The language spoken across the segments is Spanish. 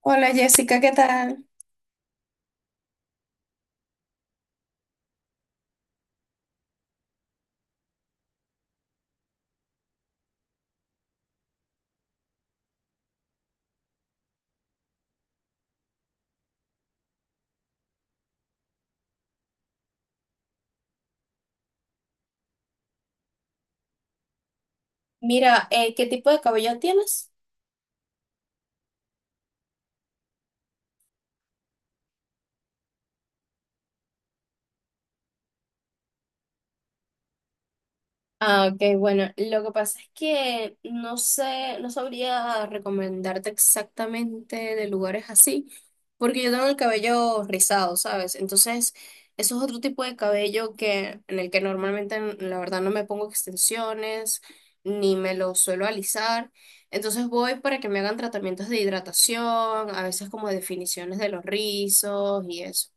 Hola Jessica, ¿qué tal? Mira, ¿qué tipo de cabello tienes? Ah, ok, bueno, lo que pasa es que no sé, no sabría recomendarte exactamente de lugares así, porque yo tengo el cabello rizado, ¿sabes? Entonces, eso es otro tipo de cabello que, en el que normalmente, la verdad, no me pongo extensiones, ni me lo suelo alisar. Entonces voy para que me hagan tratamientos de hidratación, a veces como definiciones de los rizos y eso.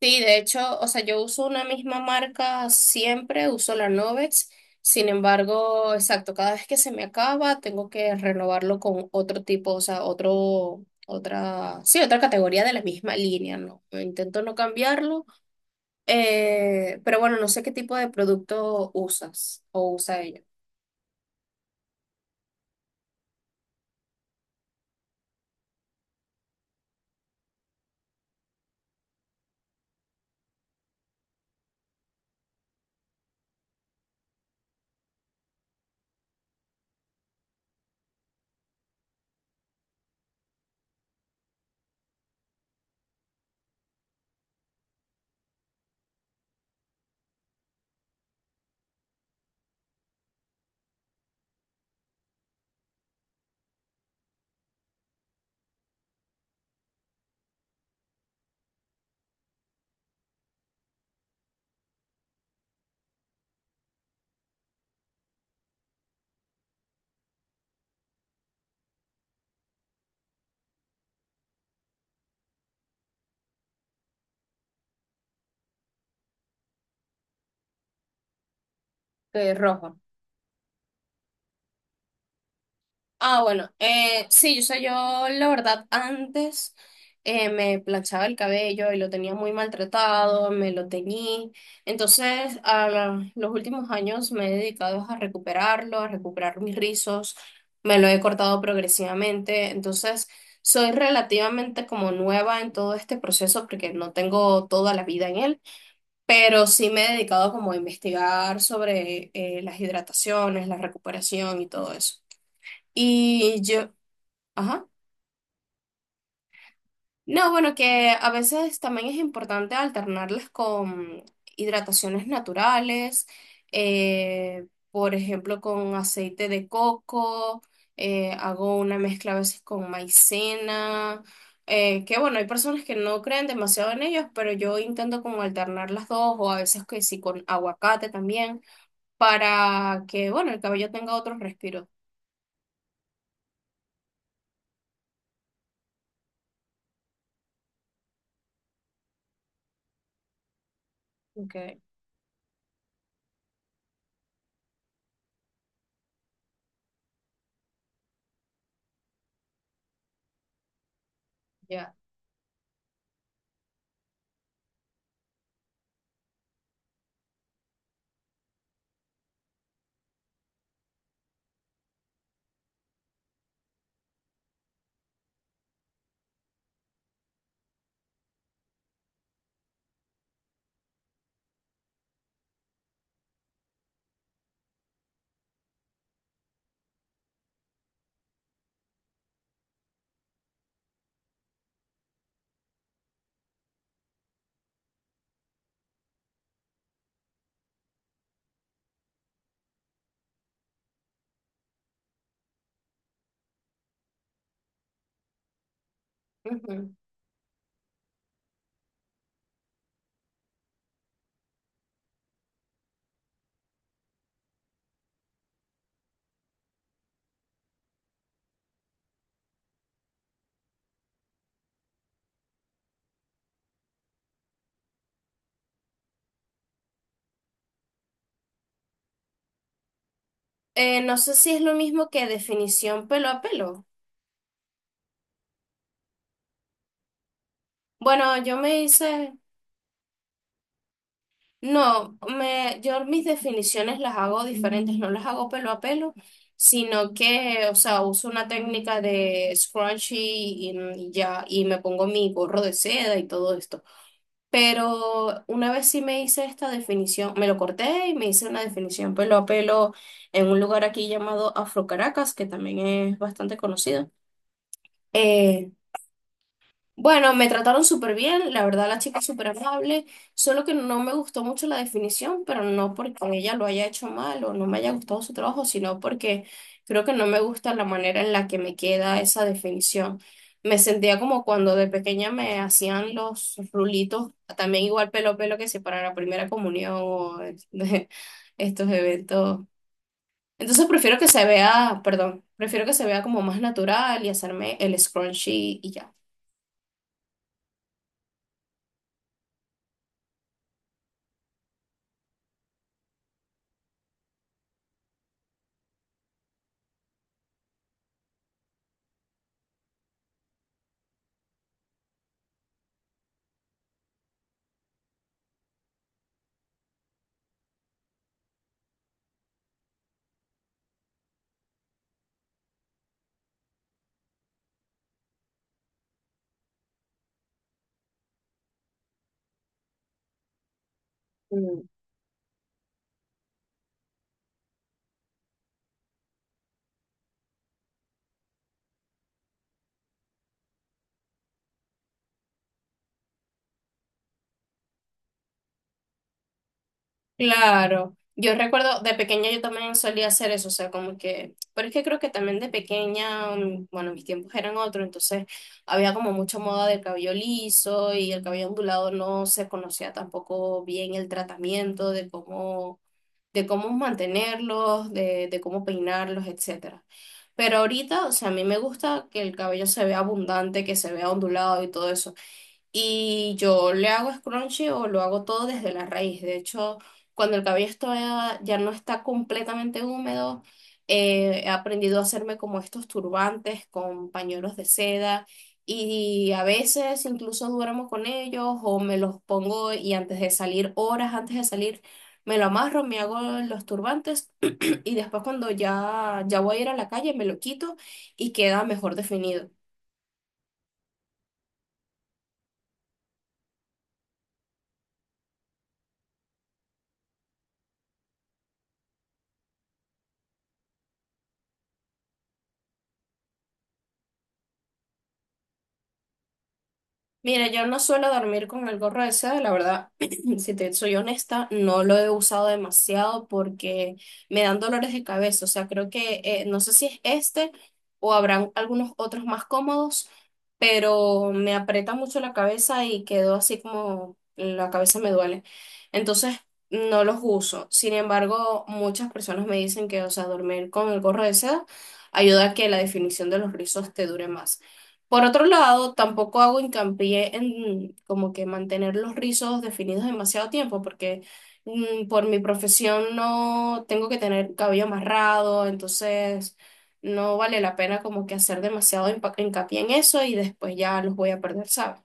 Sí, de hecho, o sea, yo uso una misma marca siempre, uso la Novex. Sin embargo, exacto, cada vez que se me acaba, tengo que renovarlo con otro tipo, o sea, otro, otra, sí, otra categoría de la misma línea, ¿no? Intento no cambiarlo, pero bueno, no sé qué tipo de producto usas o usa ella. Rojo. Ah, bueno, sí, yo sé, yo la verdad antes me planchaba el cabello y lo tenía muy maltratado, me lo teñí. Entonces, los últimos años me he dedicado a recuperarlo, a recuperar mis rizos, me lo he cortado progresivamente. Entonces, soy relativamente como nueva en todo este proceso porque no tengo toda la vida en él, pero sí me he dedicado como a investigar sobre las hidrataciones, la recuperación y todo eso. Y yo, ajá. No, bueno, que a veces también es importante alternarlas con hidrataciones naturales, por ejemplo, con aceite de coco, hago una mezcla a veces con maicena, que bueno, hay personas que no creen demasiado en ellos, pero yo intento como alternar las dos o a veces que sí con aguacate también, para que bueno, el cabello tenga otro respiro. Okay, ya. Ujú. No sé si es lo mismo que definición pelo a pelo. Bueno, yo me hice, no, yo mis definiciones las hago diferentes, no las hago pelo a pelo, sino que, o sea, uso una técnica de scrunchie y ya, y me pongo mi gorro de seda y todo esto. Pero una vez sí me hice esta definición, me lo corté y me hice una definición pelo a pelo en un lugar aquí llamado Afro Caracas, que también es bastante conocido. Eh, Bueno, me trataron súper bien, la verdad la chica es súper amable, solo que no me gustó mucho la definición, pero no porque ella lo haya hecho mal o no me haya gustado su trabajo, sino porque creo que no me gusta la manera en la que me queda esa definición. Me sentía como cuando de pequeña me hacían los rulitos, también igual pelo a pelo que si para la primera comunión o de estos eventos. Entonces prefiero que se vea, perdón, prefiero que se vea como más natural y hacerme el scrunchie y ya. Claro, yo recuerdo de pequeña yo también solía hacer eso, o sea, como que, pero es que creo que también de pequeña, bueno, mis tiempos eran otros, entonces había como mucha moda del cabello liso y el cabello ondulado no se conocía tampoco bien el tratamiento de cómo mantenerlos, de cómo peinarlos, etcétera. Pero ahorita, o sea, a mí me gusta que el cabello se vea abundante, que se vea ondulado y todo eso. Y yo le hago scrunchy o lo hago todo desde la raíz. De hecho, cuando el cabello ya no está completamente húmedo, he aprendido a hacerme como estos turbantes con pañuelos de seda y a veces incluso duermo con ellos o me los pongo y antes de salir, horas antes de salir, me lo amarro, me hago los turbantes y después cuando ya voy a ir a la calle me lo quito y queda mejor definido. Mira, yo no suelo dormir con el gorro ese, la verdad, si te soy honesta, no lo he usado demasiado porque me dan dolores de cabeza, o sea, creo que no sé si es este o habrán algunos otros más cómodos, pero me aprieta mucho la cabeza y quedo así como la cabeza me duele. Entonces, no los uso. Sin embargo, muchas personas me dicen que, o sea, dormir con el gorro de seda ayuda a que la definición de los rizos te dure más. Por otro lado, tampoco hago hincapié en como que mantener los rizos definidos demasiado tiempo, porque por mi profesión no tengo que tener cabello amarrado, entonces no vale la pena como que hacer demasiado hincapié en eso y después ya los voy a perder, ¿sabes?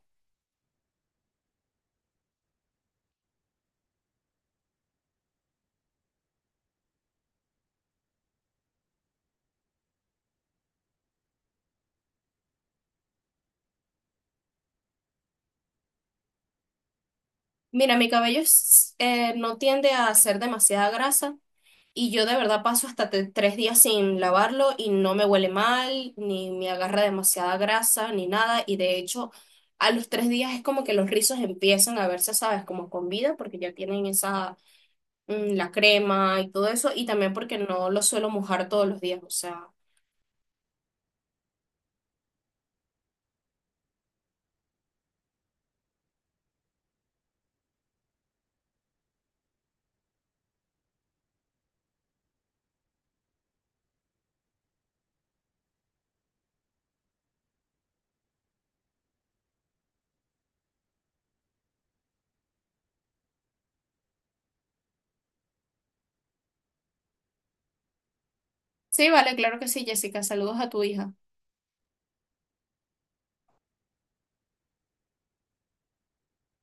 Mira, mi cabello no tiende a hacer demasiada grasa, y yo de verdad paso hasta 3 días sin lavarlo y no me huele mal, ni me agarra demasiada grasa, ni nada. Y de hecho, a los 3 días es como que los rizos empiezan a verse, ¿sabes? Como con vida, porque ya tienen esa, la crema y todo eso. Y también porque no lo suelo mojar todos los días. O sea, sí, vale, claro que sí, Jessica. Saludos a tu hija.